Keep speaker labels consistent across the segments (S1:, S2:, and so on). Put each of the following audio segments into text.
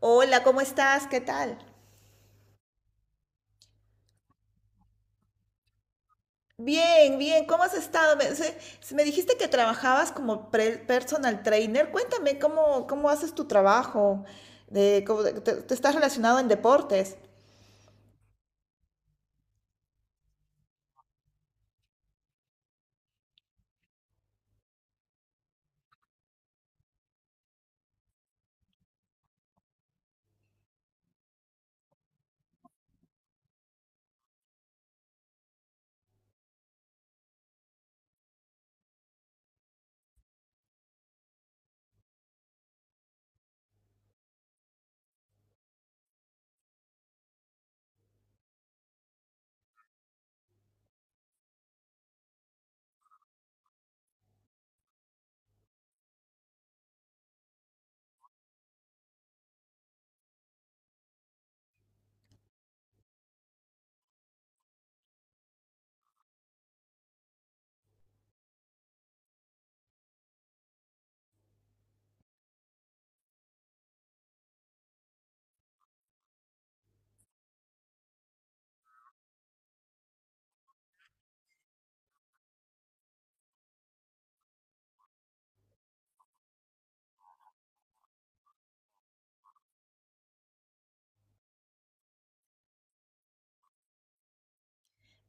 S1: Hola, ¿cómo estás? ¿Qué tal? Bien, bien, ¿cómo has estado? Me dijiste que trabajabas como personal trainer. Cuéntame, ¿cómo haces tu trabajo? ¿De, cómo te estás relacionado en deportes?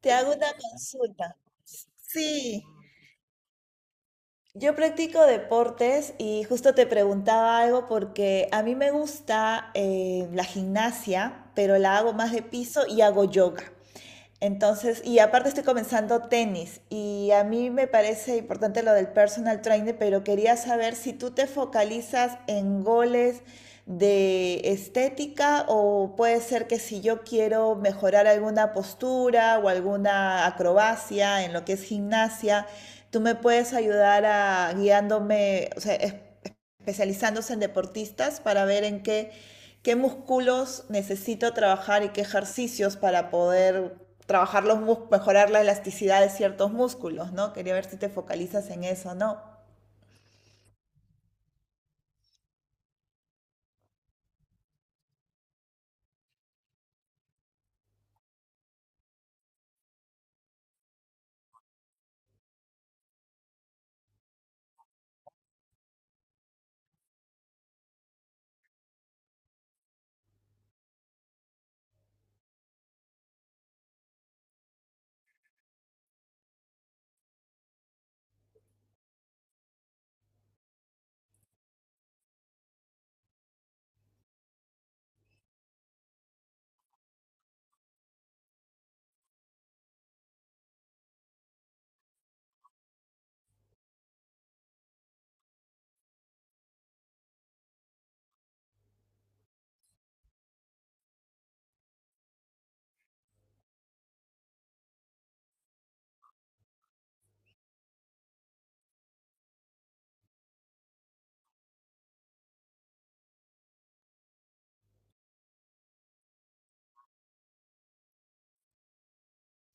S1: Te hago una consulta. Sí, yo practico deportes y justo te preguntaba algo porque a mí me gusta la gimnasia, pero la hago más de piso y hago yoga. Entonces, y aparte estoy comenzando tenis y a mí me parece importante lo del personal trainer, pero quería saber si tú te focalizas en goles de estética o puede ser que si yo quiero mejorar alguna postura o alguna acrobacia en lo que es gimnasia, tú me puedes ayudar a guiándome, o sea, es especializándose en deportistas para ver en qué, qué músculos necesito trabajar y qué ejercicios para poder trabajar los músculos, mejorar la elasticidad de ciertos músculos, ¿no? Quería ver si te focalizas en eso, ¿no?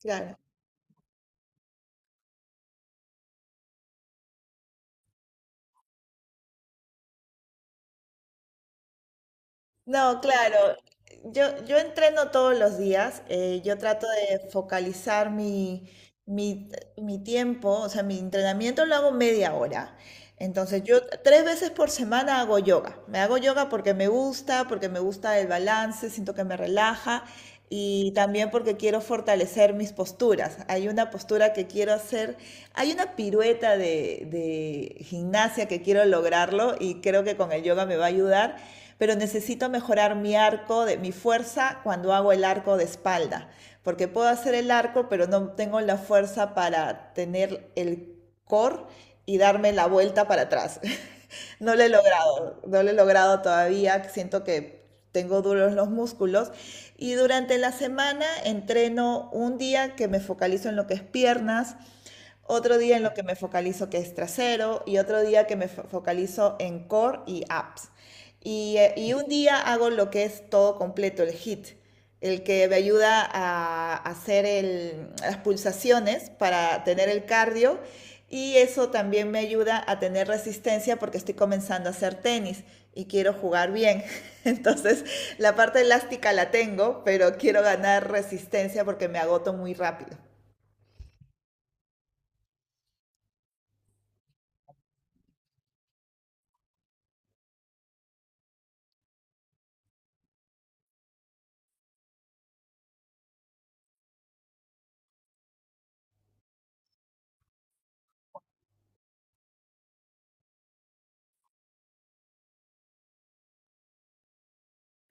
S1: Claro. No, claro. Yo entreno todos los días. Yo trato de focalizar mi, mi tiempo. O sea, mi entrenamiento lo hago media hora. Entonces, yo tres veces por semana hago yoga. Me hago yoga porque me gusta el balance, siento que me relaja y también porque quiero fortalecer mis posturas. Hay una postura que quiero hacer, hay una pirueta de gimnasia que quiero lograrlo y creo que con el yoga me va a ayudar, pero necesito mejorar mi arco, de, mi fuerza cuando hago el arco de espalda, porque puedo hacer el arco, pero no tengo la fuerza para tener el core y darme la vuelta para atrás. No lo he logrado, no lo he logrado todavía, siento que tengo duros los músculos y durante la semana entreno un día que me focalizo en lo que es piernas, otro día en lo que me focalizo que es trasero y otro día que focalizo en core y apps. Y un día hago lo que es todo completo, el hit, el que me ayuda a hacer las pulsaciones para tener el cardio y eso también me ayuda a tener resistencia porque estoy comenzando a hacer tenis y quiero jugar bien. Entonces, la parte elástica la tengo, pero quiero ganar resistencia porque me agoto muy rápido.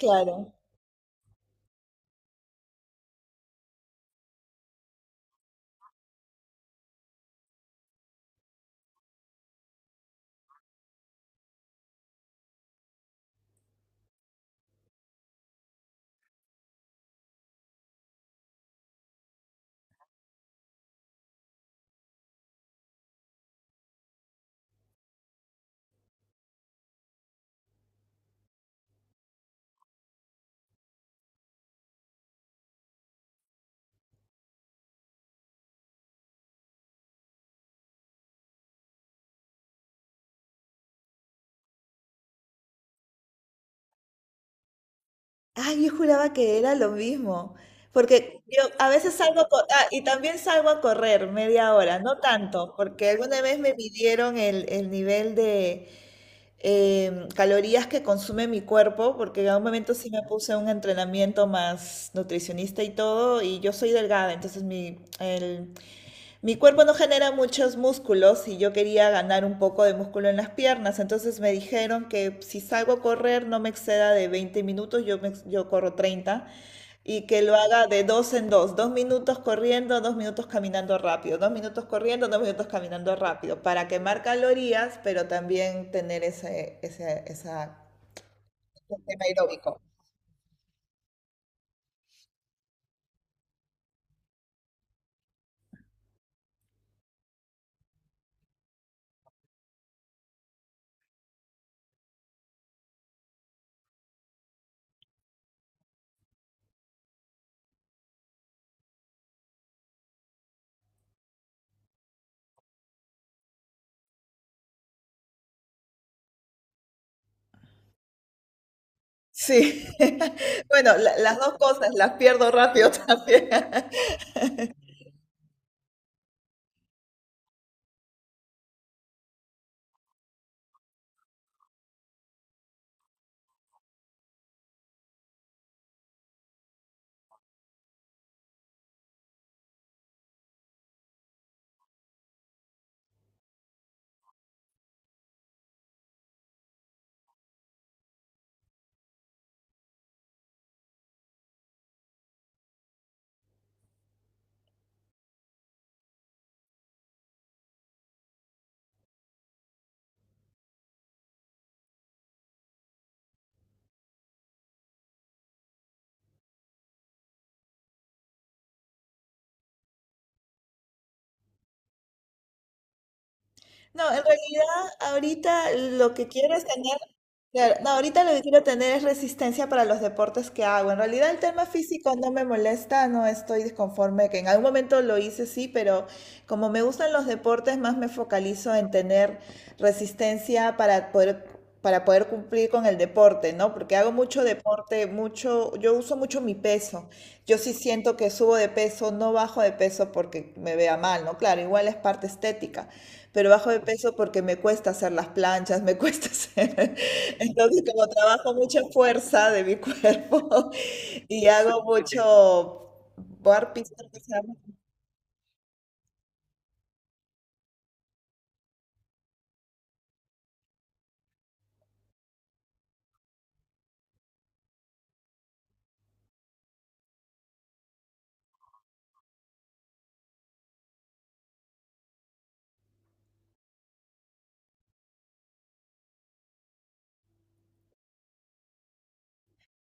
S1: Claro. Ay, yo juraba que era lo mismo, porque yo a veces salgo, ah, y también salgo a correr media hora, no tanto, porque alguna vez me midieron el nivel de calorías que consume mi cuerpo, porque en algún momento sí me puse un entrenamiento más nutricionista y todo, y yo soy delgada, entonces mi, el, mi cuerpo no genera muchos músculos y yo quería ganar un poco de músculo en las piernas, entonces me dijeron que si salgo a correr no me exceda de 20 minutos, yo, yo corro 30, y que lo haga de dos en dos, dos minutos corriendo, dos minutos caminando rápido, dos minutos corriendo, dos minutos caminando rápido, para quemar calorías, pero también tener ese, ese, esa, ese tema aeróbico. Sí, bueno, las dos cosas las pierdo rápido también. No, en realidad ahorita lo que quiero es tener, claro, no, ahorita lo que quiero tener es resistencia para los deportes que hago. En realidad el tema físico no me molesta, no estoy disconforme, que en algún momento lo hice sí, pero como me gustan los deportes, más me focalizo en tener resistencia para poder cumplir con el deporte, ¿no? Porque hago mucho deporte, mucho, yo uso mucho mi peso. Yo sí siento que subo de peso, no bajo de peso porque me vea mal, ¿no? Claro, igual es parte estética, pero bajo de peso porque me cuesta hacer las planchas, me cuesta hacer. Entonces, como trabajo mucha fuerza de mi cuerpo y hago mucho burpees, creo que se llama.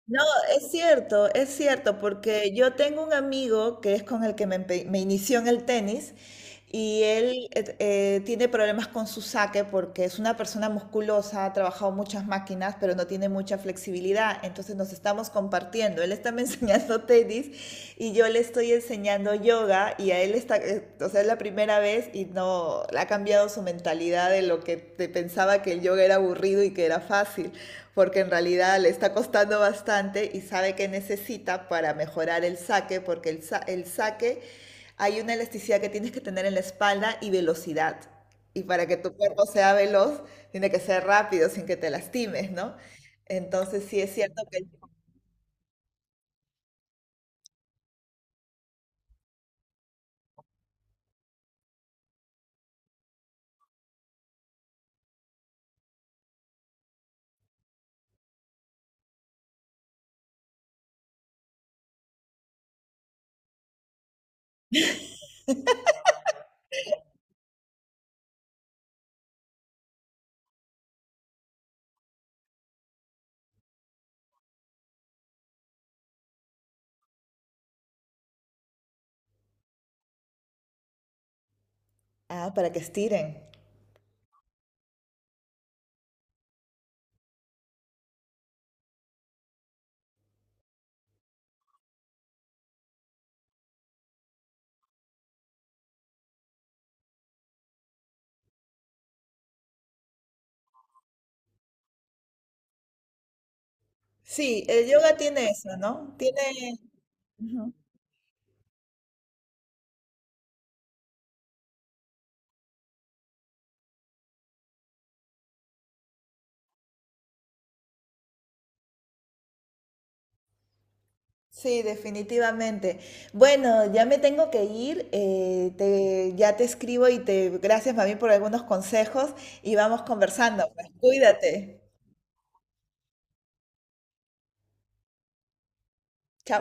S1: No, es cierto, porque yo tengo un amigo que es con el que me, me inició en el tenis. Y él tiene problemas con su saque porque es una persona musculosa, ha trabajado muchas máquinas, pero no tiene mucha flexibilidad. Entonces nos estamos compartiendo. Él está me enseñando tenis y yo le estoy enseñando yoga y a él está, o sea, es la primera vez y no, ha cambiado su mentalidad de lo que te pensaba que el yoga era aburrido y que era fácil, porque en realidad le está costando bastante y sabe que necesita para mejorar el saque, porque el, el saque, hay una elasticidad que tienes que tener en la espalda y velocidad. Y para que tu cuerpo sea veloz, tiene que ser rápido sin que te lastimes, ¿no? Entonces sí es cierto que... Ah, para que estiren. Sí, el yoga tiene eso, ¿no? Tiene... Ujú. Sí, definitivamente. Bueno, ya me tengo que ir. Ya te escribo y te... Gracias, mami, por algunos consejos y vamos conversando, pues. Cuídate. Chao.